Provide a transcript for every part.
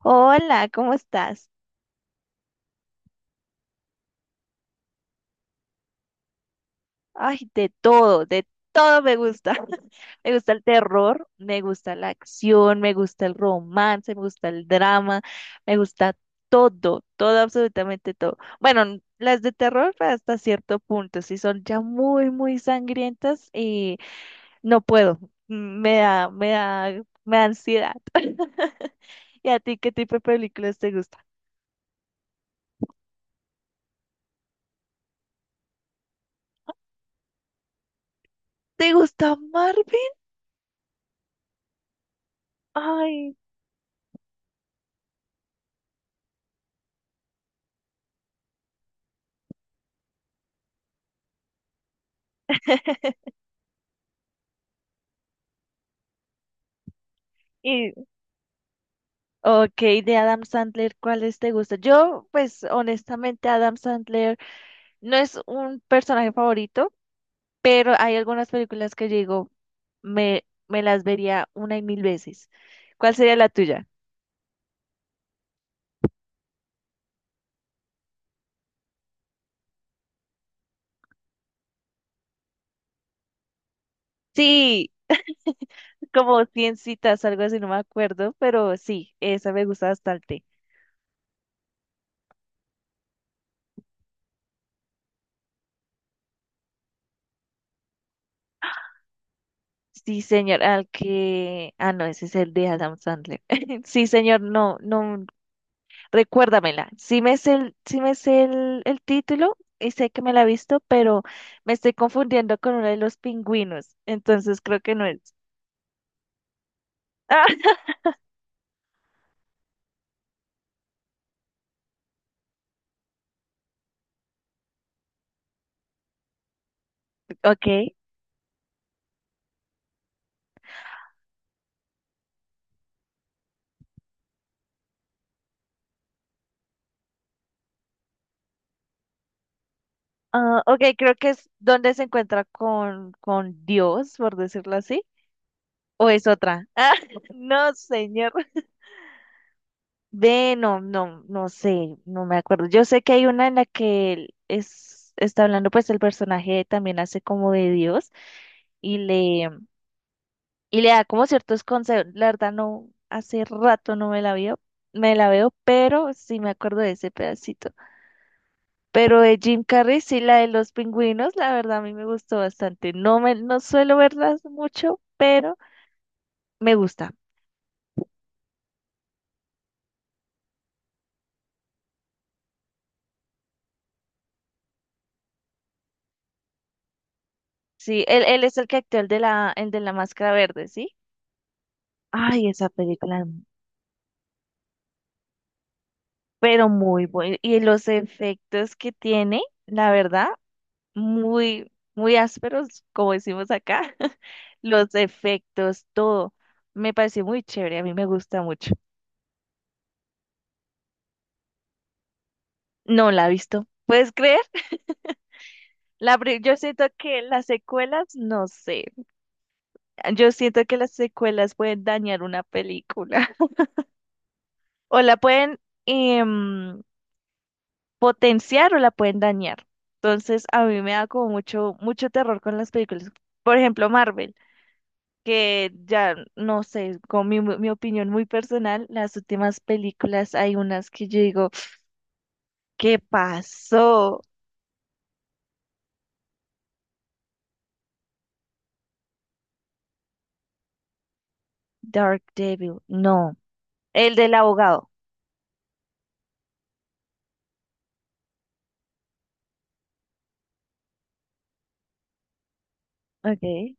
Hola, ¿cómo estás? Ay, de todo me gusta. Me gusta el terror, me gusta la acción, me gusta el romance, me gusta el drama, me gusta todo, todo, absolutamente todo. Bueno, las de terror, pues, hasta cierto punto, si son ya muy, muy sangrientas, y no puedo. Mm, Me da, me da, me da ansiedad. ¿Y a ti qué tipo de películas te gusta? ¿Te gusta Marvel? Ay, ok, de Adam Sandler, ¿cuáles te gustan? Yo, pues honestamente, Adam Sandler no es un personaje favorito, pero hay algunas películas que yo digo, me las vería una y mil veces. ¿Cuál sería la tuya? Sí, como 100 citas, algo así, no me acuerdo, pero sí, esa me gusta bastante. Sí, señor, al que... Ah, no, ese es el de Adam Sandler. Sí, señor, no, no. Recuérdamela. Sí me sé el, sí me sé el título y sé que me la he visto, pero me estoy confundiendo con uno de los pingüinos. Entonces creo que no es. Ah, ok. Ah, ok, creo que es donde se encuentra con, Dios, por decirlo así. ¿O es otra? Ah, no, señor. Ve, no, no, no sé, no me acuerdo. Yo sé que hay una en la que él está hablando, pues el personaje también hace como de Dios y le da como ciertos consejos. La verdad, no, hace rato no me la veo, pero sí me acuerdo de ese pedacito. Pero de Jim Carrey, sí, la de los pingüinos, la verdad a mí me gustó bastante. No suelo verlas mucho, pero me gusta. Sí, él es el que actúa el de la máscara verde, ¿sí? Ay, esa película, pero muy buena. Y los efectos que tiene, la verdad, muy, muy ásperos, como decimos acá, los efectos, todo. Me pareció muy chévere, a mí me gusta mucho. No la he visto. ¿Puedes creer? Yo siento que las secuelas, no sé. Yo siento que las secuelas pueden dañar una película. O la pueden em, potenciar o la pueden dañar. Entonces, a mí me da como mucho, mucho terror con las películas. Por ejemplo, Marvel, que ya, no sé, con mi opinión muy personal, las últimas películas hay unas que yo digo, ¿qué pasó? Dark Devil, no, el del abogado, ok,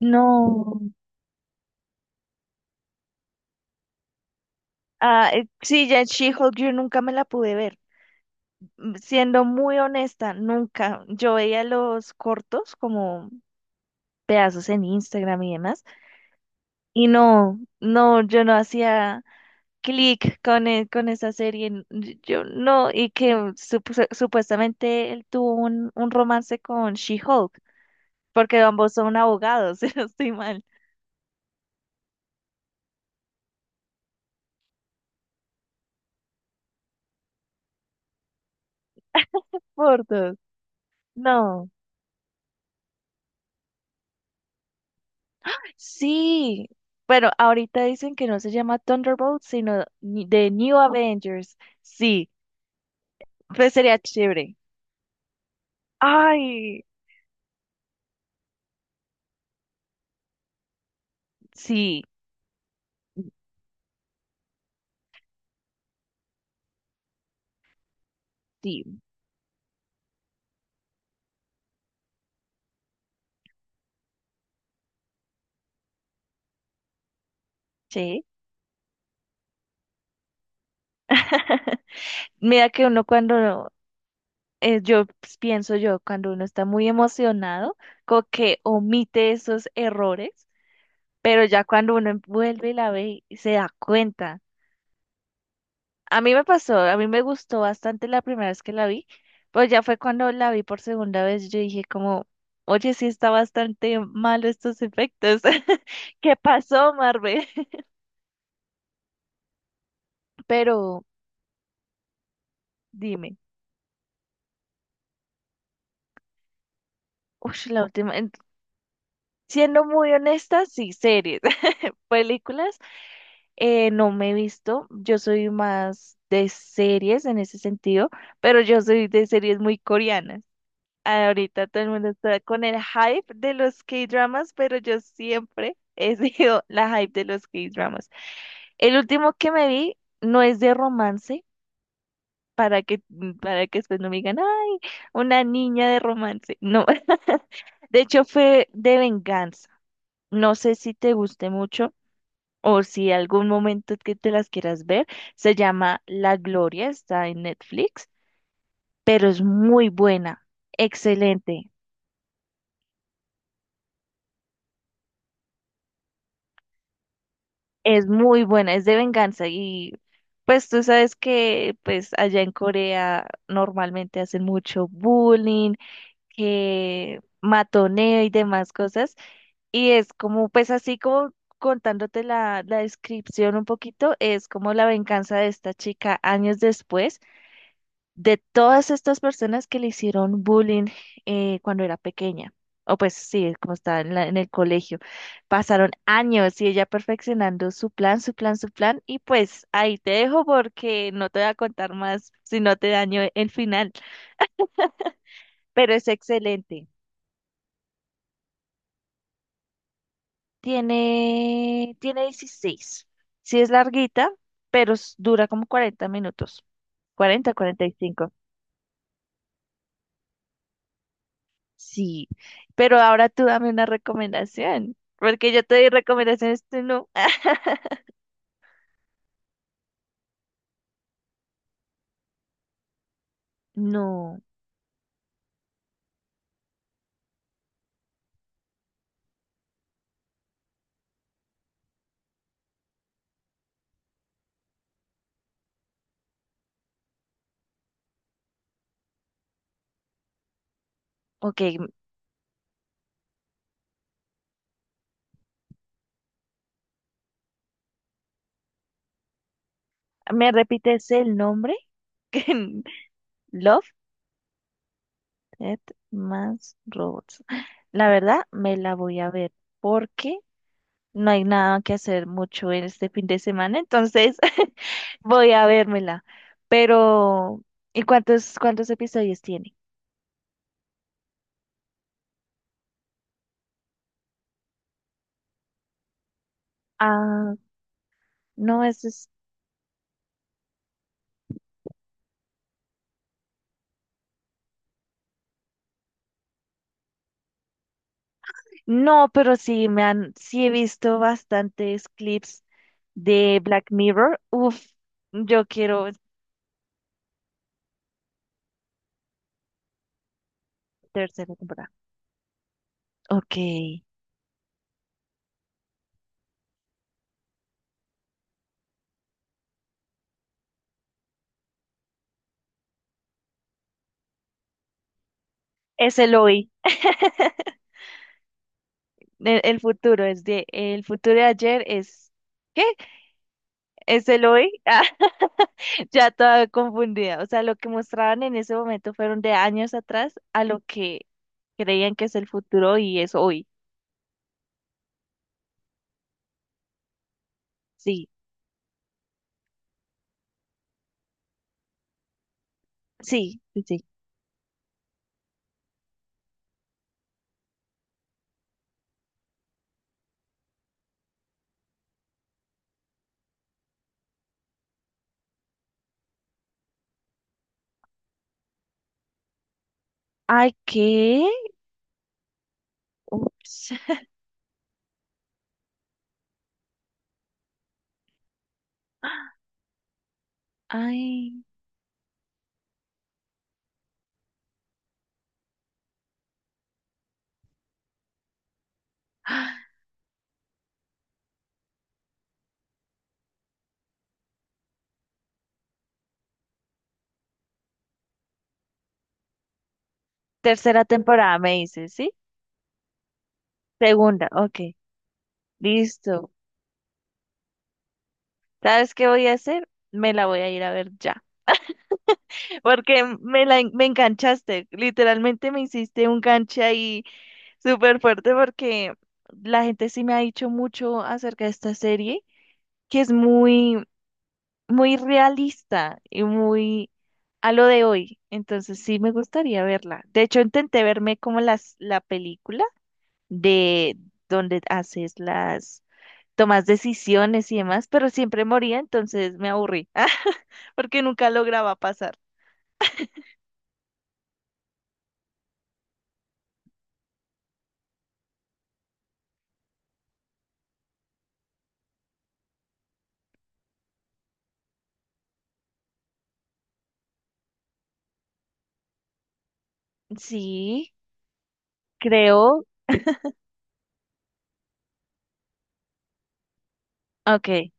no, ah, sí, ya en She-Hulk yo nunca me la pude ver. Siendo muy honesta, nunca, yo veía los cortos como pedazos en Instagram y demás, y no, no, yo no hacía clic con, con esa serie. Yo no, y que supuestamente él tuvo un romance con She-Hulk, porque ambos son abogados, si no estoy mal. Por dos. No. Sí. Bueno, ahorita dicen que no se llama Thunderbolt, sino The New Avengers. Sí, pues sería chévere. Ay, sí, sí, sí. Mira que uno cuando yo pues, pienso yo, cuando uno está muy emocionado, como que omite esos errores, pero ya cuando uno vuelve y la ve y se da cuenta. A mí me pasó, a mí me gustó bastante la primera vez que la vi, pero ya fue cuando la vi por segunda vez, yo dije como, oye, sí está bastante malo estos efectos. ¿Qué pasó, Marvel? Pero dime, uy, la última, siendo muy honesta, sí, series. Películas no me he visto, yo soy más de series en ese sentido, pero yo soy de series muy coreanas. Ahorita todo el mundo está con el hype de los K-dramas, pero yo siempre he sido la hype de los K-dramas. El último que me vi no es de romance, para que, para que después no me digan, ay, una niña de romance. No, de hecho fue de venganza. No sé si te guste mucho o si algún momento que te las quieras ver, se llama La Gloria, está en Netflix, pero es muy buena, excelente, es muy buena, es de venganza y pues tú sabes que pues allá en Corea normalmente hacen mucho bullying, que matoneo y demás cosas, y es como pues así como contándote la, descripción un poquito, es como la venganza de esta chica años después de todas estas personas que le hicieron bullying cuando era pequeña, o pues sí, como estaba en el colegio, pasaron años y ella perfeccionando su plan, su plan, su plan, y pues ahí te dejo porque no te voy a contar más si no te daño el final, pero es excelente. Tiene 16. Sí, es larguita, pero dura como 40 minutos, 40, 45. Sí, pero ahora tú dame una recomendación, porque yo te di recomendaciones, tú no. No, ok, ¿me repites el nombre? Love, Death más Robots. La verdad, me la voy a ver porque no hay nada que hacer mucho en este fin de semana, entonces voy a vérmela. Pero, ¿y cuántos episodios tiene? Ah, no, eso es... No, pero sí, sí he visto bastantes clips de Black Mirror. Uf, yo quiero tercera temporada. Ok. Es el hoy. El futuro es de. El futuro de ayer es. ¿Qué? Es el hoy. Ah, ya toda confundida. O sea, lo que mostraban en ese momento fueron de años atrás a lo que creían que es el futuro y es hoy. Sí, sí, sí, sí. Ay, ¿qué? Ups. Ay. Ah, tercera temporada, me dices, ¿sí? Segunda, ok. Listo. ¿Sabes qué voy a hacer? Me la voy a ir a ver ya. Porque me la me enganchaste. Literalmente me hiciste un ganche ahí súper fuerte porque la gente sí me ha dicho mucho acerca de esta serie, que es muy, muy realista y muy a lo de hoy. Entonces sí me gustaría verla. De hecho, intenté verme como la película de donde haces las tomas decisiones y demás, pero siempre moría, entonces me aburrí, porque nunca lograba pasar. Sí, creo, ok,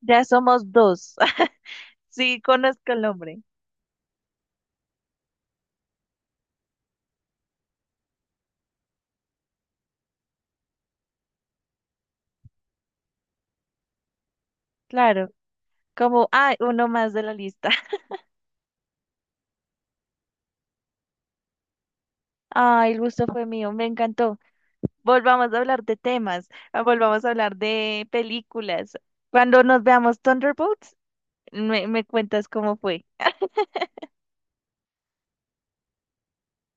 ya somos dos. Sí, conozco el nombre, claro, como, ah, uno más de la lista. Ay, el gusto fue mío, me encantó. Volvamos a hablar de temas, ah, volvamos a hablar de películas. Cuando nos veamos Thunderbolts, me, cuentas cómo fue.